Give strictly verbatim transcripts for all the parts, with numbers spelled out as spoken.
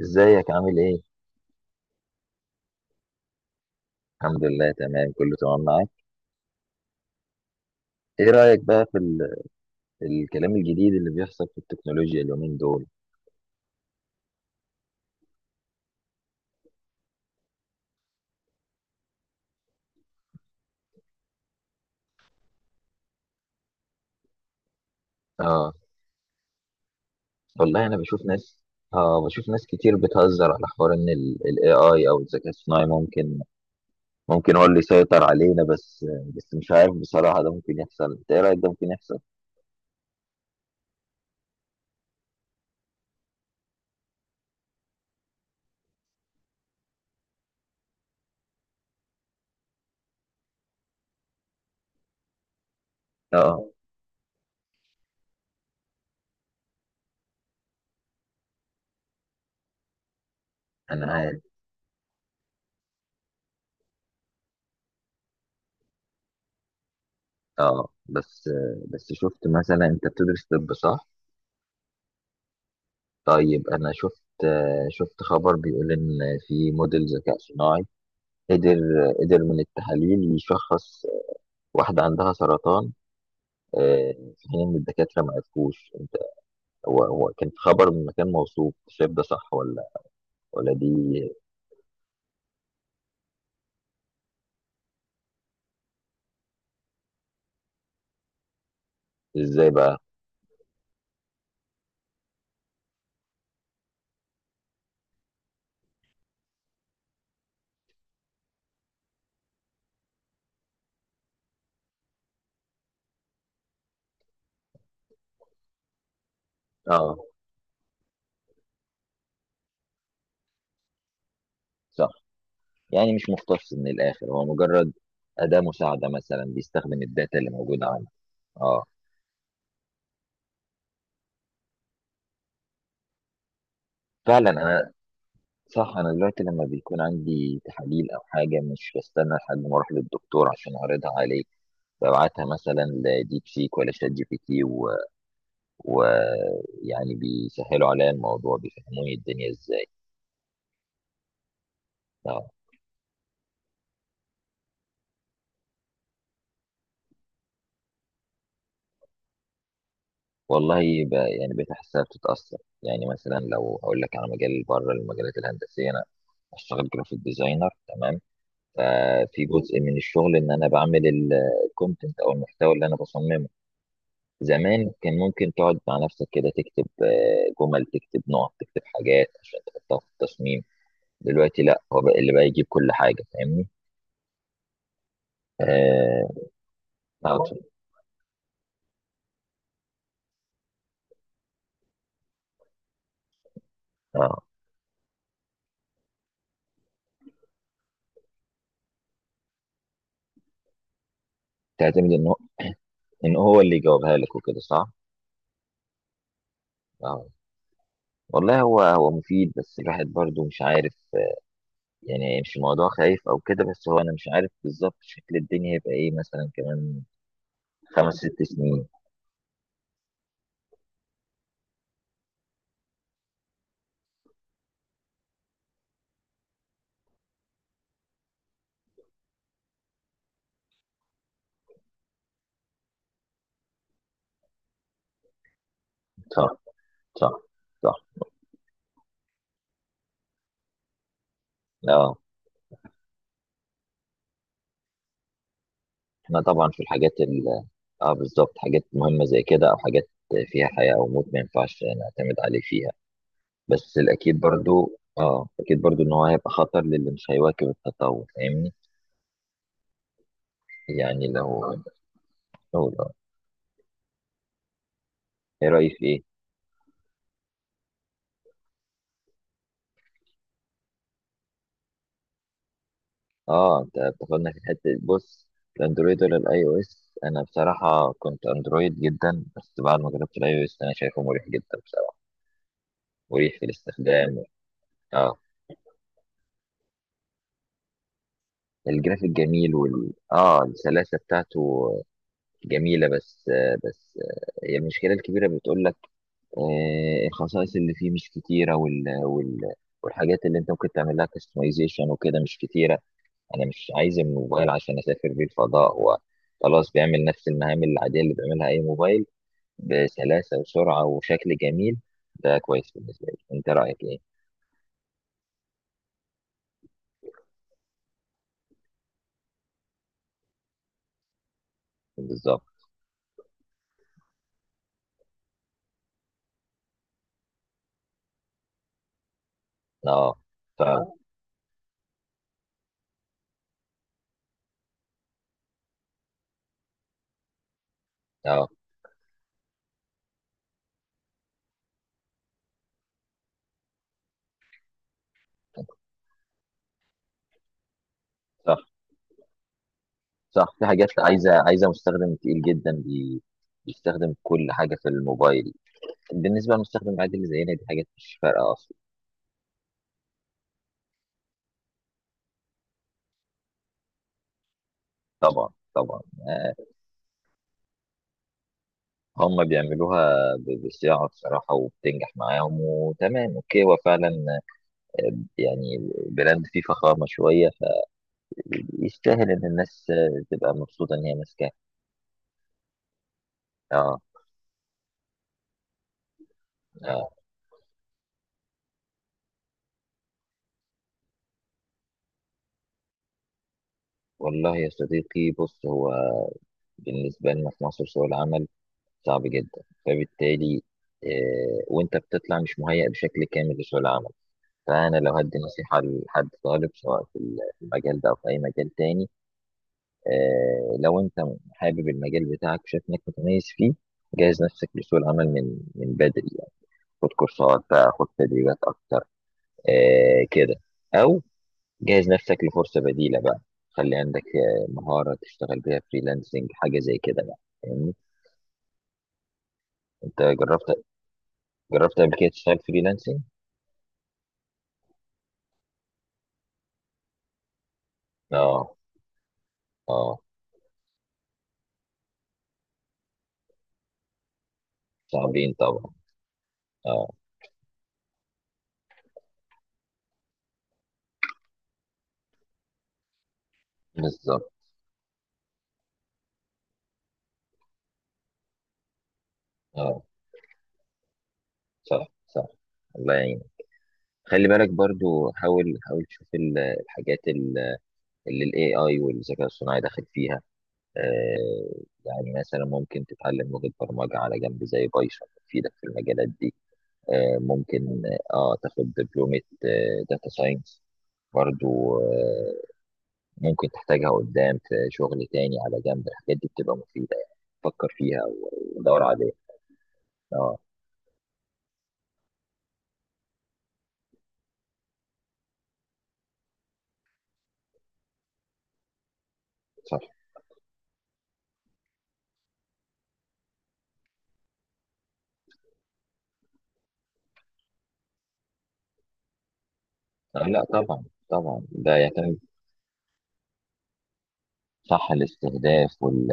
ازيك عامل ايه؟ الحمد لله، تمام، كله تمام معاك. ايه رأيك بقى في ال... الكلام الجديد اللي بيحصل في التكنولوجيا اليومين دول؟ اه، والله انا بشوف ناس اه بشوف ناس كتير بتهزر على حوار ان الاي اي او الذكاء الصناعي ممكن ممكن هو اللي يسيطر علينا، بس بس مش عارف بصراحة، ده ممكن يحصل؟ انت ايه رأيك؟ ده ممكن يحصل؟ اه، انا عارف. اه، بس بس شفت، مثلا، انت بتدرس طب، صح؟ طيب، انا شفت شفت خبر بيقول ان في موديل ذكاء صناعي قدر قدر من التحاليل يشخص واحدة عندها سرطان، آه، في حين إن الدكاترة ما عرفوش أنت، هو هو كان خبر من مكان موثوق، شايف ده صح ولا ولا دي؟ إزاي بقى؟ آه، صح. يعني مش مختص من الآخر، هو مجرد أداة مساعدة، مثلا بيستخدم الداتا اللي موجودة عنه. آه، فعلا. أنا صح أنا دلوقتي لما بيكون عندي تحاليل أو حاجة، مش بستنى لحد ما أروح للدكتور عشان أعرضها عليه، ببعتها مثلا لديب سيك ولا شات جي بي تي، و ويعني بيسهلوا عليا الموضوع، بيفهموني الدنيا ازاي. اه، والله، ب... يعني بقيت احسها بتتاثر. يعني مثلا، لو اقول لك على مجال بره المجالات الهندسيه، انا اشتغل جرافيك ديزاينر، تمام؟ ففي جزء من الشغل ان انا بعمل الكونتنت، او المحتوى اللي انا بصممه، زمان كان ممكن تقعد مع نفسك كده تكتب آه، جمل، تكتب نقط، تكتب حاجات عشان تحطها في التصميم. دلوقتي لا، هو بقى اللي بقى يجيب كل حاجه، فاهمني؟ اه. آه، آه. تعتمد ان ان هو اللي يجاوبها لك وكده، صح؟ اه، والله هو هو مفيد، بس الواحد برضو مش عارف، يعني مش الموضوع خايف او كده، بس هو انا مش عارف بالظبط شكل الدنيا هيبقى ايه مثلا كمان خمس ست سنين. صح، صح، صح. اه، احنا طبعا في الحاجات ال اه، بالظبط، حاجات مهمة زي كده او حاجات فيها حياة او موت، ما ينفعش نعتمد عليه فيها. بس الاكيد برضو، اه، اكيد برضو ان هو هيبقى خطر للي مش هيواكب التطور، فاهمني؟ يعني لو، لو- ايه رأيك في ايه؟ اه، انت بتاخدنا في حته. بص، الاندرويد ولا الاي او اس؟ انا بصراحه كنت اندرويد جدا، بس بعد ما جربت الاي او اس، انا شايفه مريح جدا بصراحه، مريح في الاستخدام. اه، الجرافيك جميل، وال اه السلاسه بتاعته جميله، بس آه بس آه هي المشكله الكبيره، بتقول لك آه، الخصائص اللي فيه مش كتيره، وال... وال... والحاجات اللي انت ممكن تعمل لها كاستمايزيشن وكده مش كتيره. انا مش عايز الموبايل عشان اسافر بيه الفضاء، هو خلاص بيعمل نفس المهام العاديه اللي بيعملها اي موبايل بسلاسه وسرعه وشكل جميل. ده كويس بالنسبه لي. انت رايك ايه؟ بالظبط. اه. ف اه صح، صح. في حاجات عايزه عايزه مستخدم تقيل جدا بي... بيستخدم كل حاجه في الموبايل. بالنسبه للمستخدم العادي اللي زينا، دي حاجات مش فارقه اصلا. طبعا، طبعا. هم بيعملوها ب- بصياعه بصراحه، وبتنجح معاهم، وتمام، اوكي، هو فعلا يعني براند فيه فخامة شوية، يستاهل إن الناس تبقى مبسوطة إن هي ماسكاه. آه، آه. والله يا صديقي، بص، هو بالنسبة لنا في مصر سوق العمل صعب جدا، فبالتالي آه، وأنت بتطلع مش مهيأ بشكل كامل لسوق العمل. فأنا لو هدي نصيحة لحد طالب، سواء في المجال ده أو في أي مجال تاني، آه، لو أنت حابب المجال بتاعك، شايف إنك متميز فيه، جهز نفسك لسوق العمل من من بدري يعني. خد كورسات بقى، خد تدريبات أكتر، آه كده، او جهز نفسك لفرصه بديله بقى، خلي عندك آه، مهاره تشتغل بيها فريلانسنج، حاجه زي كده بقى، فاهمني؟ انت جربت، جربت قبل كده تشتغل فريلانسنج؟ اه. اه، صعبين طبعا. اه، بالظبط. اه، صح، صح. الله يعينك. خلي بالك برضو، حاول، حاول تشوف ال- الحاجات ال- اللي الاي اي والذكاء الصناعي داخل فيها. آه، يعني مثلا ممكن تتعلم لغة برمجة على جنب زي بايثون، تفيدك في المجالات دي. آه، ممكن، اه تاخد دبلومة داتا ساينس برضو. آه، ممكن تحتاجها قدام في شغل تاني على جنب، الحاجات دي بتبقى مفيدة يعني. فكر فيها و- ودور عليها. اه، صح. آه، لا، طبعا. طبعا، ده يعتمد. صح، الاستهداف وال...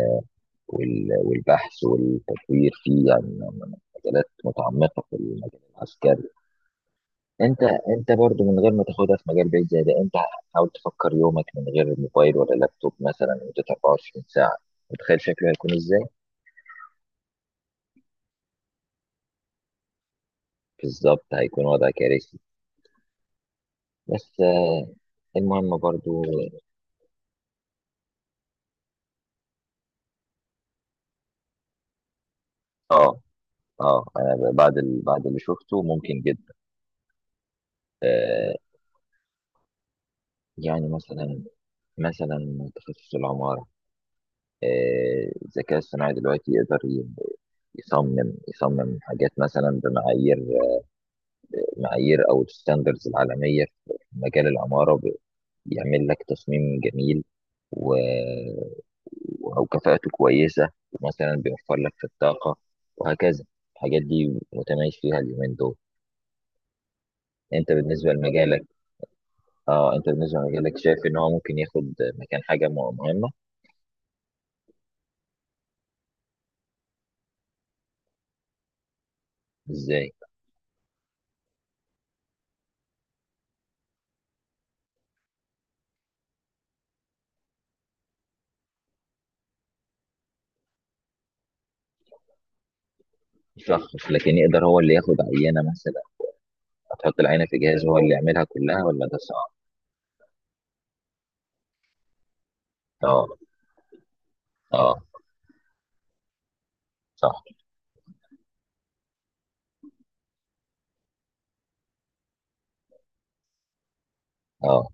وال... والبحث والتطوير فيه، يعني من- من مجالات متعمقة في المجال العسكري. انت انت برضو من غير ما تاخدها في مجال بعيد زي ده، انت حاول تفكر يومك من غير موبايل ولا لابتوب مثلا لمدة 24 ساعة، متخيل شكله هيكون ازاي؟ بالظبط، هيكون وضع كارثي. بس آه، المهم برضو. اه، اه، انا بعد ال... بعد اللي شفته ممكن جدا. آه، يعني مثلا مثلا تخصص العمارة، آه، الذكاء الصناعي دلوقتي يقدر ي- يصمم يصمم حاجات مثلا بمعايير معايير او الستاندرز العالميه في مجال العماره، يعمل لك تصميم جميل، و... وكفاءته كويسة، ومثلا بيوفر لك في الطاقة، وهكذا. الحاجات دي متميز فيها اليومين دول. انت بالنسبة لمجالك اه انت بالنسبة لمجالك شايف ان هو ممكن ياخد مكان حاجة م- مهمة؟ ازاي؟ شخص، لكن يقدر هو اللي ياخد عينة مثلا؟ هتحط العينة في جهاز هو اللي يعملها كلها، ولا ده صعب؟ اه، اه، صح. اه،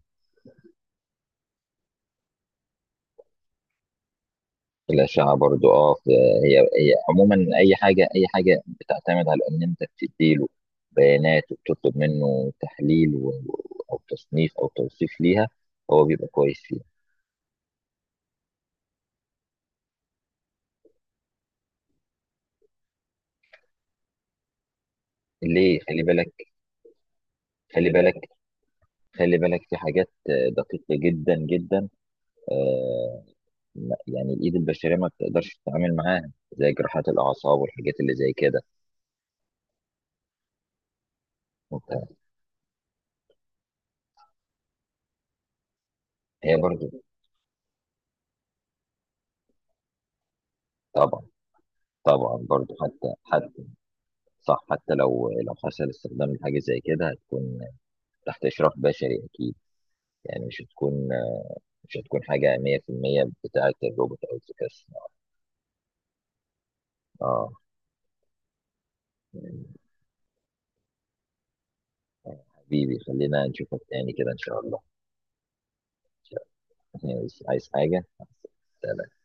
الأشعة برضو. اه، ف- هي هي عموما أي حاجة، أي حاجة بتعتمد على إن أنت بتديله بيانات وبتطلب منه تحليل و- و- أو تصنيف أو توصيف ليها، هو بيبقى كويس فيها. ليه؟ خلي بالك، خلي بالك، خلي بالك في حاجات آه، دقيقة جدا جدا، آه، ما- يعني الإيد البشرية ما بتقدرش تتعامل معاها، زي جراحات الأعصاب والحاجات اللي زي كده وبتاع. هي برضو. طبعا، طبعا برضو، حتى حتى صح، حتى لو لو حصل استخدام لحاجة زي كده، هتكون تحت إشراف بشري أكيد، يعني مش هتكون مش هتكون حاجة مية في المية بتاعة الروبوت أو الذكاء الصناعي. اه، يعني حبيبي خلينا نشوفك تاني كده إن شاء الله. عايز عايز حاجة؟ سلام.